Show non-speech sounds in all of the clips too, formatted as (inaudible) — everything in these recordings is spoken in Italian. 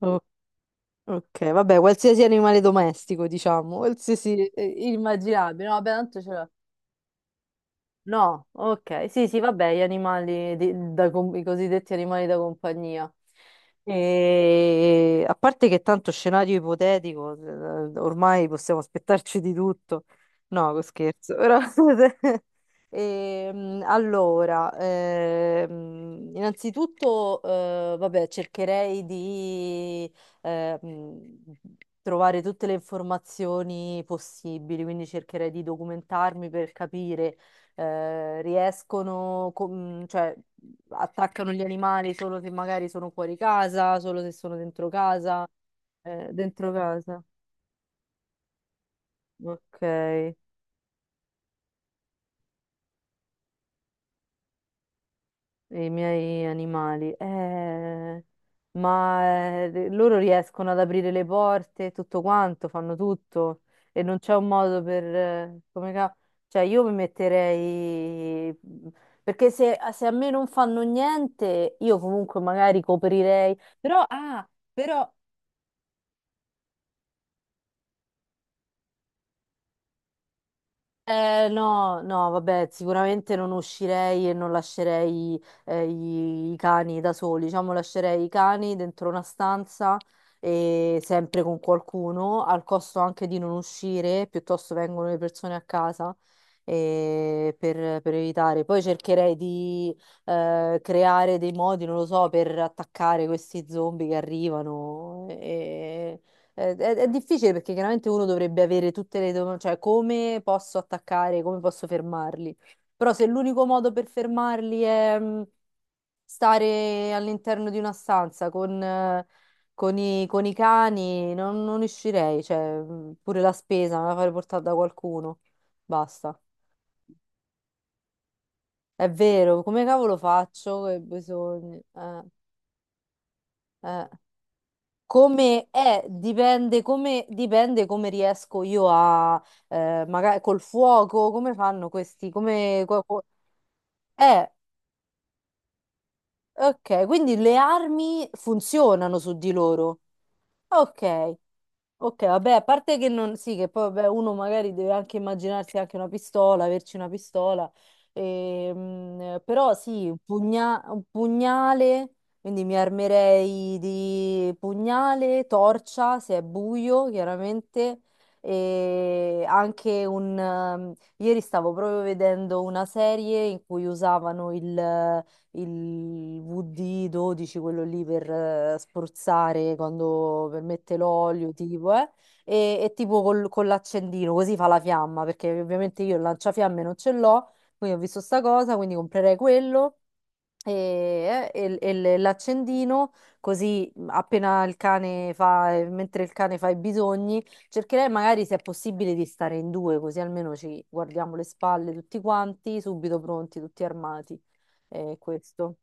O- ok, vabbè, qualsiasi animale domestico, diciamo, qualsiasi immaginabile. No, vabbè, tanto ce l'ho. No, ok, sì, sì, vabbè, gli animali, i cosiddetti animali da compagnia. E a parte che tanto scenario ipotetico, ormai possiamo aspettarci di tutto. No, scherzo, però. (laughs) Allora, innanzitutto, vabbè, cercherei di ehm, trovare tutte le informazioni possibili, quindi cercherei di documentarmi per capire, riescono, cioè, attaccano gli animali solo se magari sono fuori casa, solo se sono dentro casa, dentro casa. Ok. I miei animali. Ma loro riescono ad aprire le porte, tutto quanto, fanno tutto e non c'è un modo per. Cioè, io mi metterei. Perché se a me non fanno niente, io comunque magari coprirei. Però, però. No, no, vabbè, sicuramente non uscirei e non lascerei i cani da soli, diciamo lascerei i cani dentro una stanza e sempre con qualcuno, al costo anche di non uscire, piuttosto vengono le persone a casa per evitare. Poi cercherei di creare dei modi, non lo so, per attaccare questi zombie che arrivano. È difficile perché chiaramente uno dovrebbe avere tutte le domande, cioè come posso attaccare, come posso fermarli. Però se l'unico modo per fermarli è stare all'interno di una stanza con i cani, non uscirei, cioè pure la spesa me la farei portare da qualcuno. Basta. È vero, come cavolo faccio? Che bisogno. Eh. Come è, dipende come riesco io a, magari col fuoco, come fanno questi, come. Co- co- Eh, ok, quindi le armi funzionano su di loro. Ok. Ok, vabbè, a parte che non, sì, che poi vabbè, uno magari deve anche immaginarsi anche una pistola, averci una pistola, però sì, un pugnale, quindi mi armerei di pugnale, torcia, se è buio, chiaramente, e anche un. Ieri stavo proprio vedendo una serie in cui usavano il VD12, quello lì per spruzzare quando per mette l'olio, tipo, e tipo con l'accendino, così fa la fiamma, perché ovviamente io il lanciafiamme non ce l'ho, quindi ho visto sta cosa, quindi comprerei quello e l'accendino, così appena il cane fa, mentre il cane fa i bisogni, cercherei magari se è possibile di stare in due, così almeno ci guardiamo le spalle tutti quanti, subito pronti, tutti armati. Questo.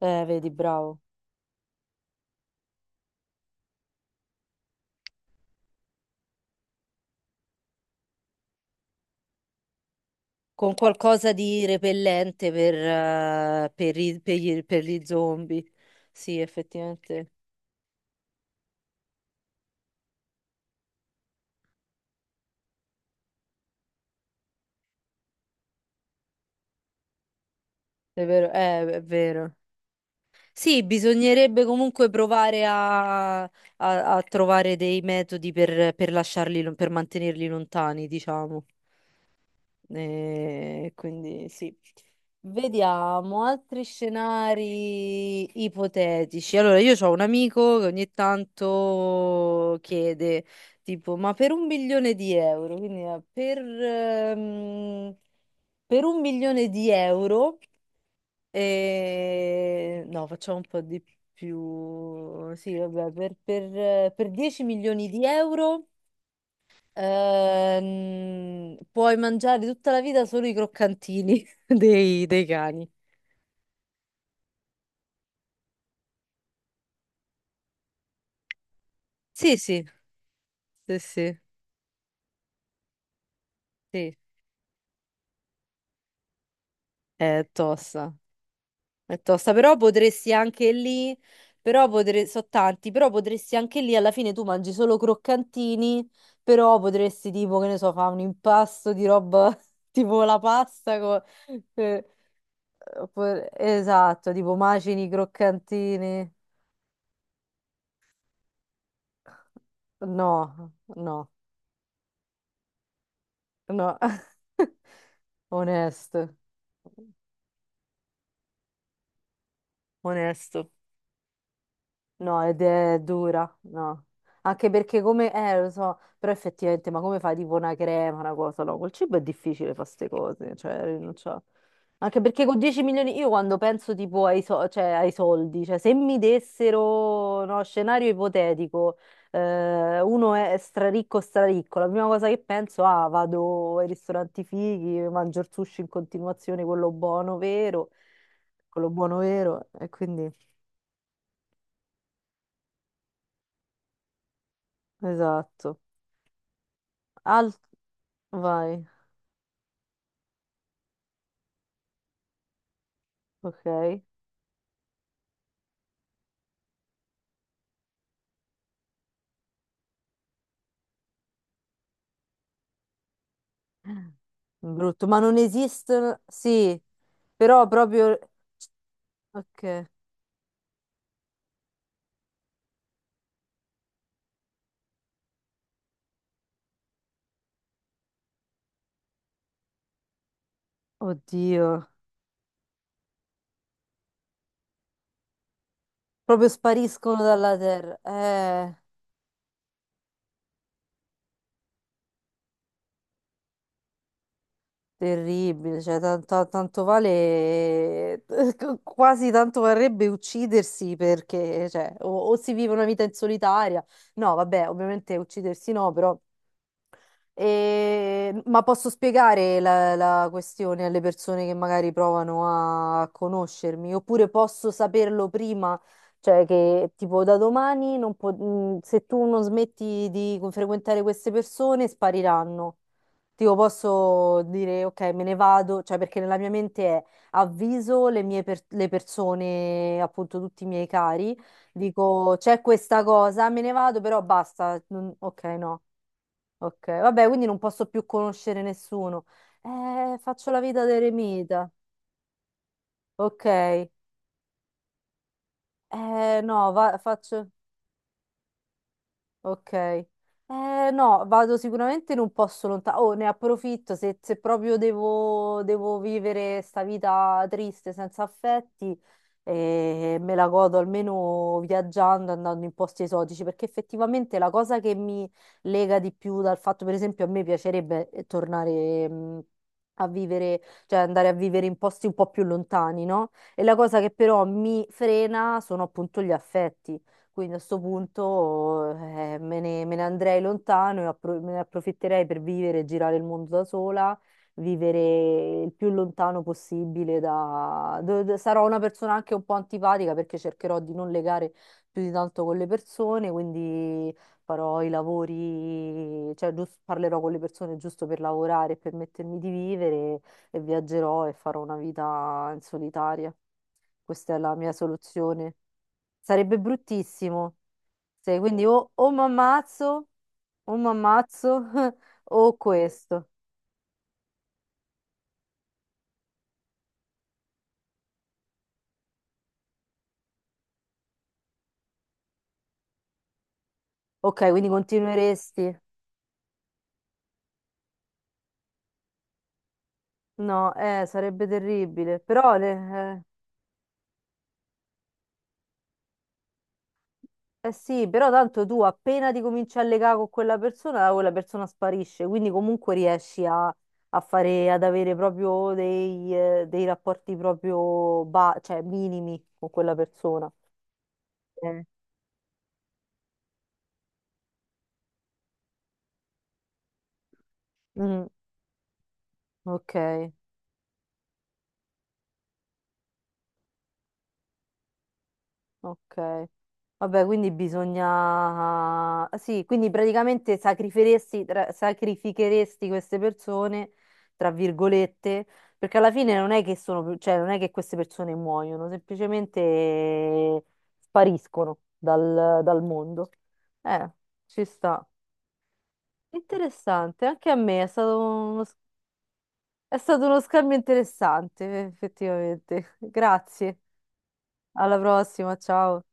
Vedi, bravo. Con qualcosa di repellente per gli zombie. Sì, effettivamente. È vero, è vero. Sì, bisognerebbe comunque provare a trovare dei metodi per lasciarli, per mantenerli lontani, diciamo. Quindi sì. Vediamo altri scenari ipotetici. Allora, io ho un amico che ogni tanto chiede, tipo, ma per un milione di euro, quindi per un milione di euro. No, facciamo un po' di più. Sì, vabbè, per 10 milioni di euro puoi mangiare tutta la vita solo i croccantini (laughs) dei cani. Sì, sì, sì, sì, sì. È tosta. È tosta, però potresti anche lì, però potresti, so tanti, però potresti anche lì alla fine tu mangi solo croccantini, però potresti tipo, che ne so, fa un impasto di roba (laughs) tipo la pasta eh, esatto, tipo macini, croccantini. No, no, no. (laughs) Onesto, onesto. No, ed è dura, no. Anche perché come, lo so, però effettivamente, ma come fai tipo una crema, una cosa? No, col cibo è difficile fare queste cose, cioè rinunciare. Anche perché con 10 milioni, io quando penso tipo cioè, ai soldi, cioè se mi dessero, no, scenario ipotetico, uno è straricco, straricco, la prima cosa che penso, vado ai ristoranti fighi, mangio il sushi in continuazione, quello buono vero, e quindi, esatto. Altro. Vai, ok. Brutto, ma non esistono. Sì, però proprio. Ok. Oddio. Proprio spariscono dalla terra. Terribile. Cioè, tanto, tanto vale. (laughs) Quasi tanto varrebbe uccidersi perché, cioè, o si vive una vita in solitaria. No, vabbè, ovviamente uccidersi no, però. Ma posso spiegare la questione alle persone che magari provano a conoscermi, oppure posso saperlo prima, cioè che tipo da domani non po- se tu non smetti di frequentare queste persone spariranno. Tipo posso dire ok, me ne vado, cioè perché nella mia mente è avviso le persone, appunto tutti i miei cari, dico c'è questa cosa, me ne vado, però basta, ok, no. Ok, vabbè, quindi non posso più conoscere nessuno. Faccio la vita d'eremita. Ok. No, faccio. Ok. No, vado sicuramente in un posto lontano. Oh, ne approfitto se proprio devo vivere sta vita triste, senza affetti, me la godo almeno viaggiando, andando in posti esotici, perché effettivamente la cosa che mi lega di più dal fatto, per esempio, a me piacerebbe tornare, a vivere, cioè andare a vivere in posti un po' più lontani, no? E la cosa che però mi frena sono appunto gli affetti. Quindi a sto punto me ne andrei lontano e me ne approfitterei per vivere e girare il mondo da sola, vivere il più lontano possibile da. Sarò una persona anche un po' antipatica perché cercherò di non legare più di tanto con le persone, quindi farò i lavori, cioè parlerò con le persone giusto per lavorare e permettermi di vivere e viaggerò e farò una vita in solitaria. Questa è la mia soluzione. Sarebbe bruttissimo. Se, quindi o mi ammazzo, o mi ammazzo, (laughs) o questo. Ok, quindi continueresti. No, sarebbe terribile, però eh sì, però tanto tu appena ti cominci a legare con quella persona sparisce, quindi comunque riesci a fare, ad avere proprio dei rapporti proprio cioè minimi con quella persona. Eh. Mm, ok. Ok. Vabbè, quindi bisogna. Sì, quindi praticamente sacrificheresti, sacrificheresti queste persone, tra virgolette, perché alla fine non è che sono, cioè non è che queste persone muoiono, semplicemente spariscono dal mondo. Eh, Ci sta. Interessante, anche a me è stato uno scambio interessante, effettivamente. (laughs) Grazie, alla prossima, ciao.